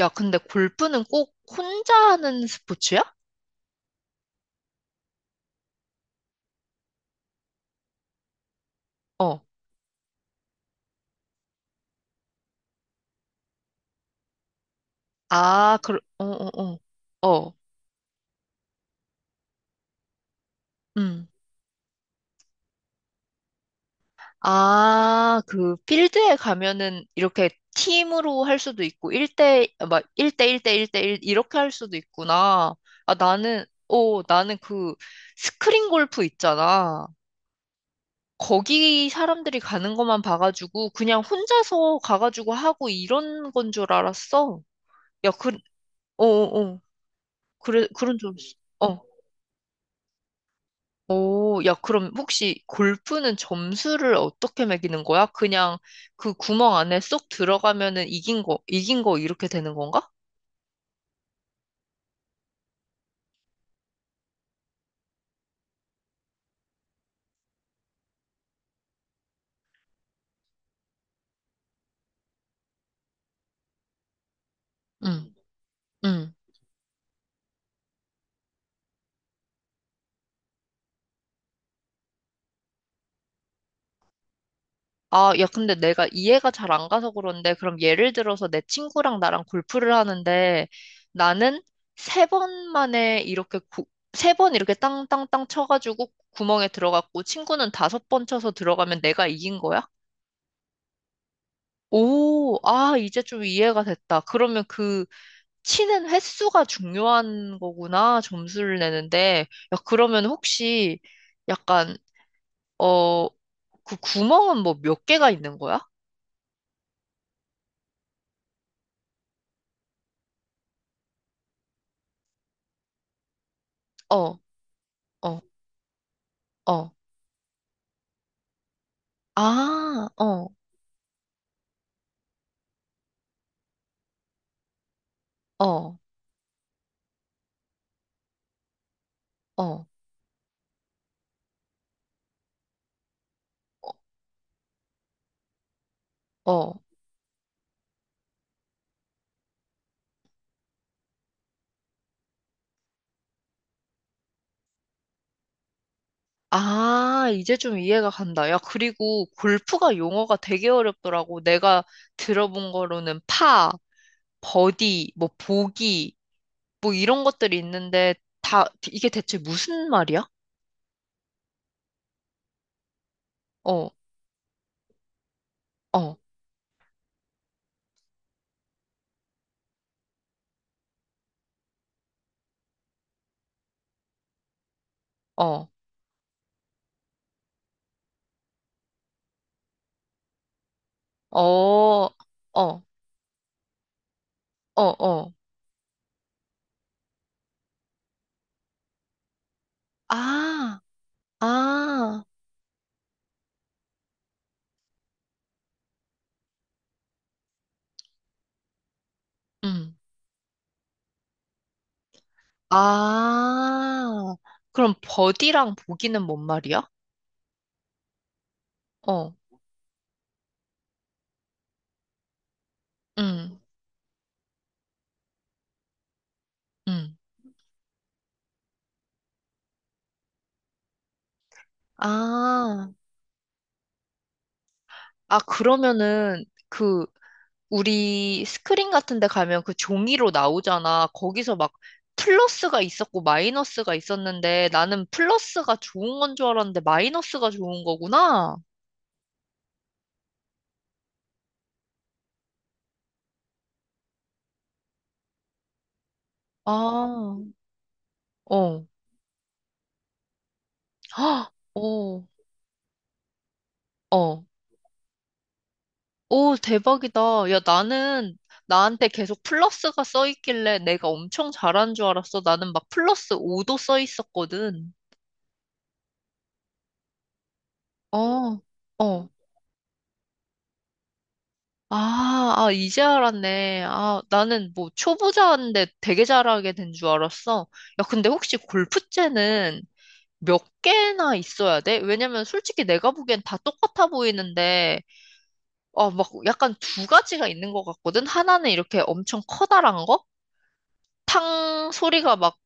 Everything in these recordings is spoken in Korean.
야, 근데 골프는 꼭 혼자 하는 스포츠야? 어. 아, 그, 어, 어, 어. 어, 음. 아, 그, 필드에 가면은 이렇게 팀으로 할 수도 있고, 1대, 막, 1대 1대 1대 1 이렇게 할 수도 있구나. 아, 나는 그, 스크린 골프 있잖아. 거기 사람들이 가는 것만 봐가지고, 그냥 혼자서 가가지고 하고 이런 건 줄 알았어. 야, 그, 어, 어, 어. 그래, 그런 줄 알았어. 어. 오, 야, 그럼 혹시 골프는 점수를 어떻게 매기는 거야? 그냥 그 구멍 안에 쏙 들어가면은 이긴 거 이렇게 되는 건가? 응, 응. 아, 야, 근데 내가 이해가 잘 안 가서 그런데, 그럼 예를 들어서 내 친구랑 나랑 골프를 하는데, 나는 세 번 만에 이렇게, 세 번 이렇게 땅땅땅 쳐가지고 구멍에 들어갔고, 친구는 다섯 번 쳐서 들어가면 내가 이긴 거야? 오, 아, 이제 좀 이해가 됐다. 그러면 그, 치는 횟수가 중요한 거구나, 점수를 내는데. 야, 그러면 혹시 약간, 어, 그 구멍은 뭐 몇 개가 있는 거야? 어, 어, 어. 아, 어, 어, 어, 어. 아, 이제 좀 이해가 간다. 야, 그리고 골프가 용어가 되게 어렵더라고. 내가 들어본 거로는 파, 버디, 뭐 보기, 뭐 이런 것들이 있는데 다 이게 대체 무슨 말이야? 어, 어, 어. 어, 어, 어, 어. 아, 아, 음. 아, 그럼 버디랑 보기는 뭔 말이야? 어, 음, 음. 아, 아, 그러면은 그 우리 스크린 같은 데 가면 그 종이로 나오잖아. 거기서 막 플러스가 있었고 마이너스가 있었는데 나는 플러스가 좋은 건 줄 알았는데 마이너스가 좋은 거구나. 아, 어, 헉, 어, 어. 오, 대박이다. 야, 나는 나한테 계속 플러스가 써 있길래 내가 엄청 잘하는 줄 알았어. 나는 막 플러스 5도 써 있었거든. 어, 어. 아, 아, 이제 알았네. 아, 나는 뭐 초보자인데 되게 잘하게 된 줄 알았어. 야, 근데 혹시 골프채는 몇 개나 있어야 돼? 왜냐면 솔직히 내가 보기엔 다 똑같아 보이는데, 막 약간 두 가지가 있는 것 같거든? 하나는 이렇게 엄청 커다란 거? 탕 소리가 막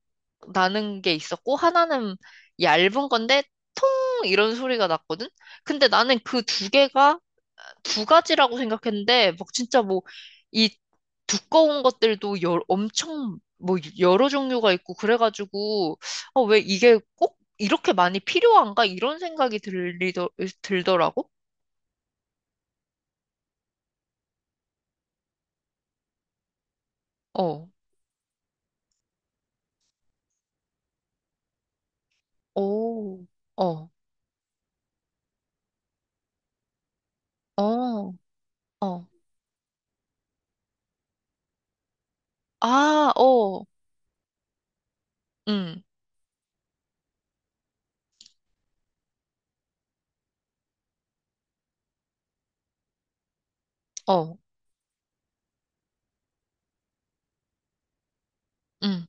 나는 게 있었고 하나는 얇은 건데 통 이런 소리가 났거든. 근데 나는 그 두 개가 두 가지라고 생각했는데 막 진짜 뭐 이 두꺼운 것들도 엄청 뭐 여러 종류가 있고 그래가지고 왜 이게 꼭 이렇게 많이 필요한가 이런 생각이 들리더 들더라고. 어. 오. 어. 어. 어. 아, 어. 음. 어. 음.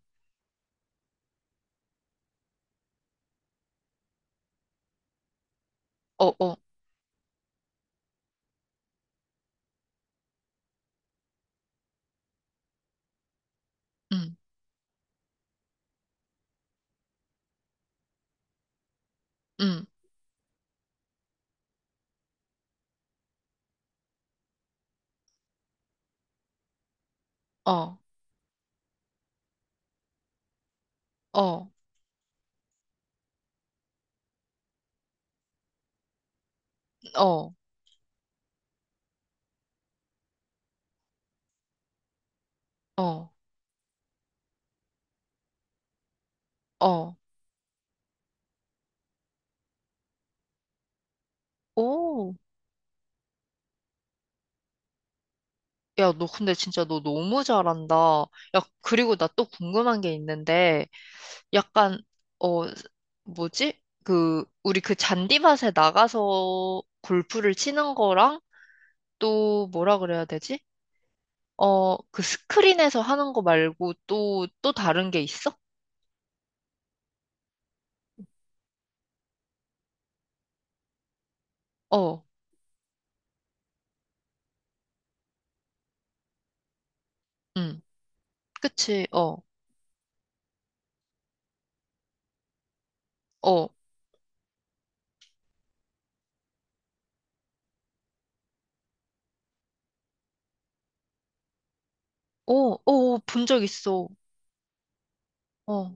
어. 어. 음. 음. 어. 어. 어, 어, 어. 오. 야, 너 근데 진짜 너 너무 잘한다. 야, 그리고 나 또 궁금한 게 있는데, 약간, 어, 뭐지? 그, 우리 그 잔디밭에 나가서 골프를 치는 거랑 또 뭐라 그래야 되지? 어, 그 스크린에서 하는 거 말고 또 다른 게 있어? 어, 응, 그치, 어, 어, 오, 오, 본 적 있어. 어,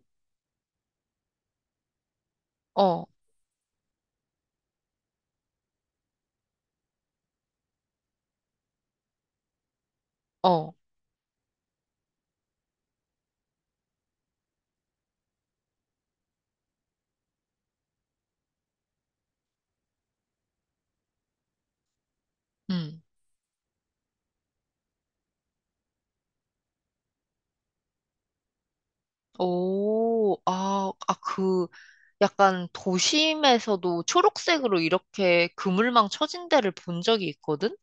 어, 어, 응. 오, 아, 아, 그, 약간 도심에서도 초록색으로 이렇게 그물망 쳐진 데를 본 적이 있거든?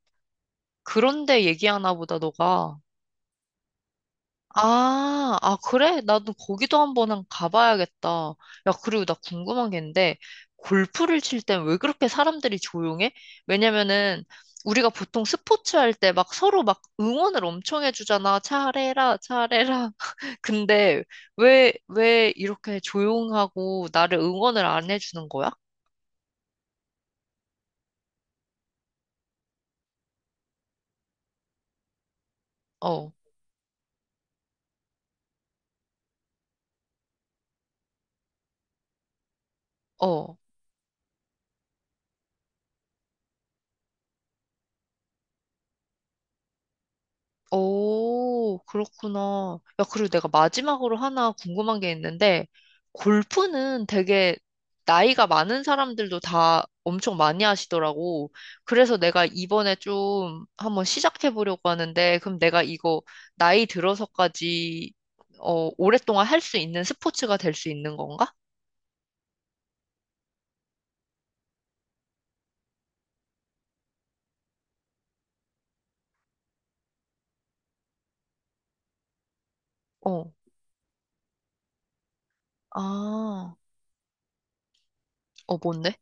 그런데 얘기하나 보다, 너가. 아, 아, 그래? 나도 거기도 한번 가봐야겠다. 야, 그리고 나 궁금한 게 있는데, 골프를 칠 땐 왜 그렇게 사람들이 조용해? 왜냐면은, 우리가 보통 스포츠 할 때 막 서로 막 응원을 엄청 해주잖아. 잘해라, 잘해라. 근데 왜 이렇게 조용하고 나를 응원을 안 해주는 거야? 어, 어. 오, 그렇구나. 야, 그리고 내가 마지막으로 하나 궁금한 게 있는데, 골프는 되게 나이가 많은 사람들도 다 엄청 많이 하시더라고. 그래서 내가 이번에 좀 한번 시작해 보려고 하는데, 그럼 내가 이거 나이 들어서까지, 오랫동안 할 수 있는 스포츠가 될 수 있는 건가? 어, 아, 어, 뭔데?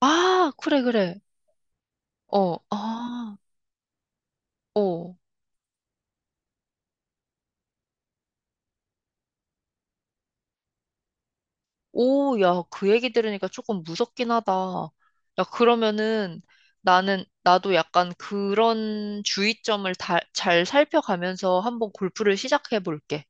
아, 그래, 그래. 어, 아, 어. 오, 야, 그 얘기 들으니까 조금 무섭긴 하다. 야, 그러면은 나는, 나도 약간 그런 주의점을 다, 잘 살펴가면서 한번 골프를 시작해 볼게.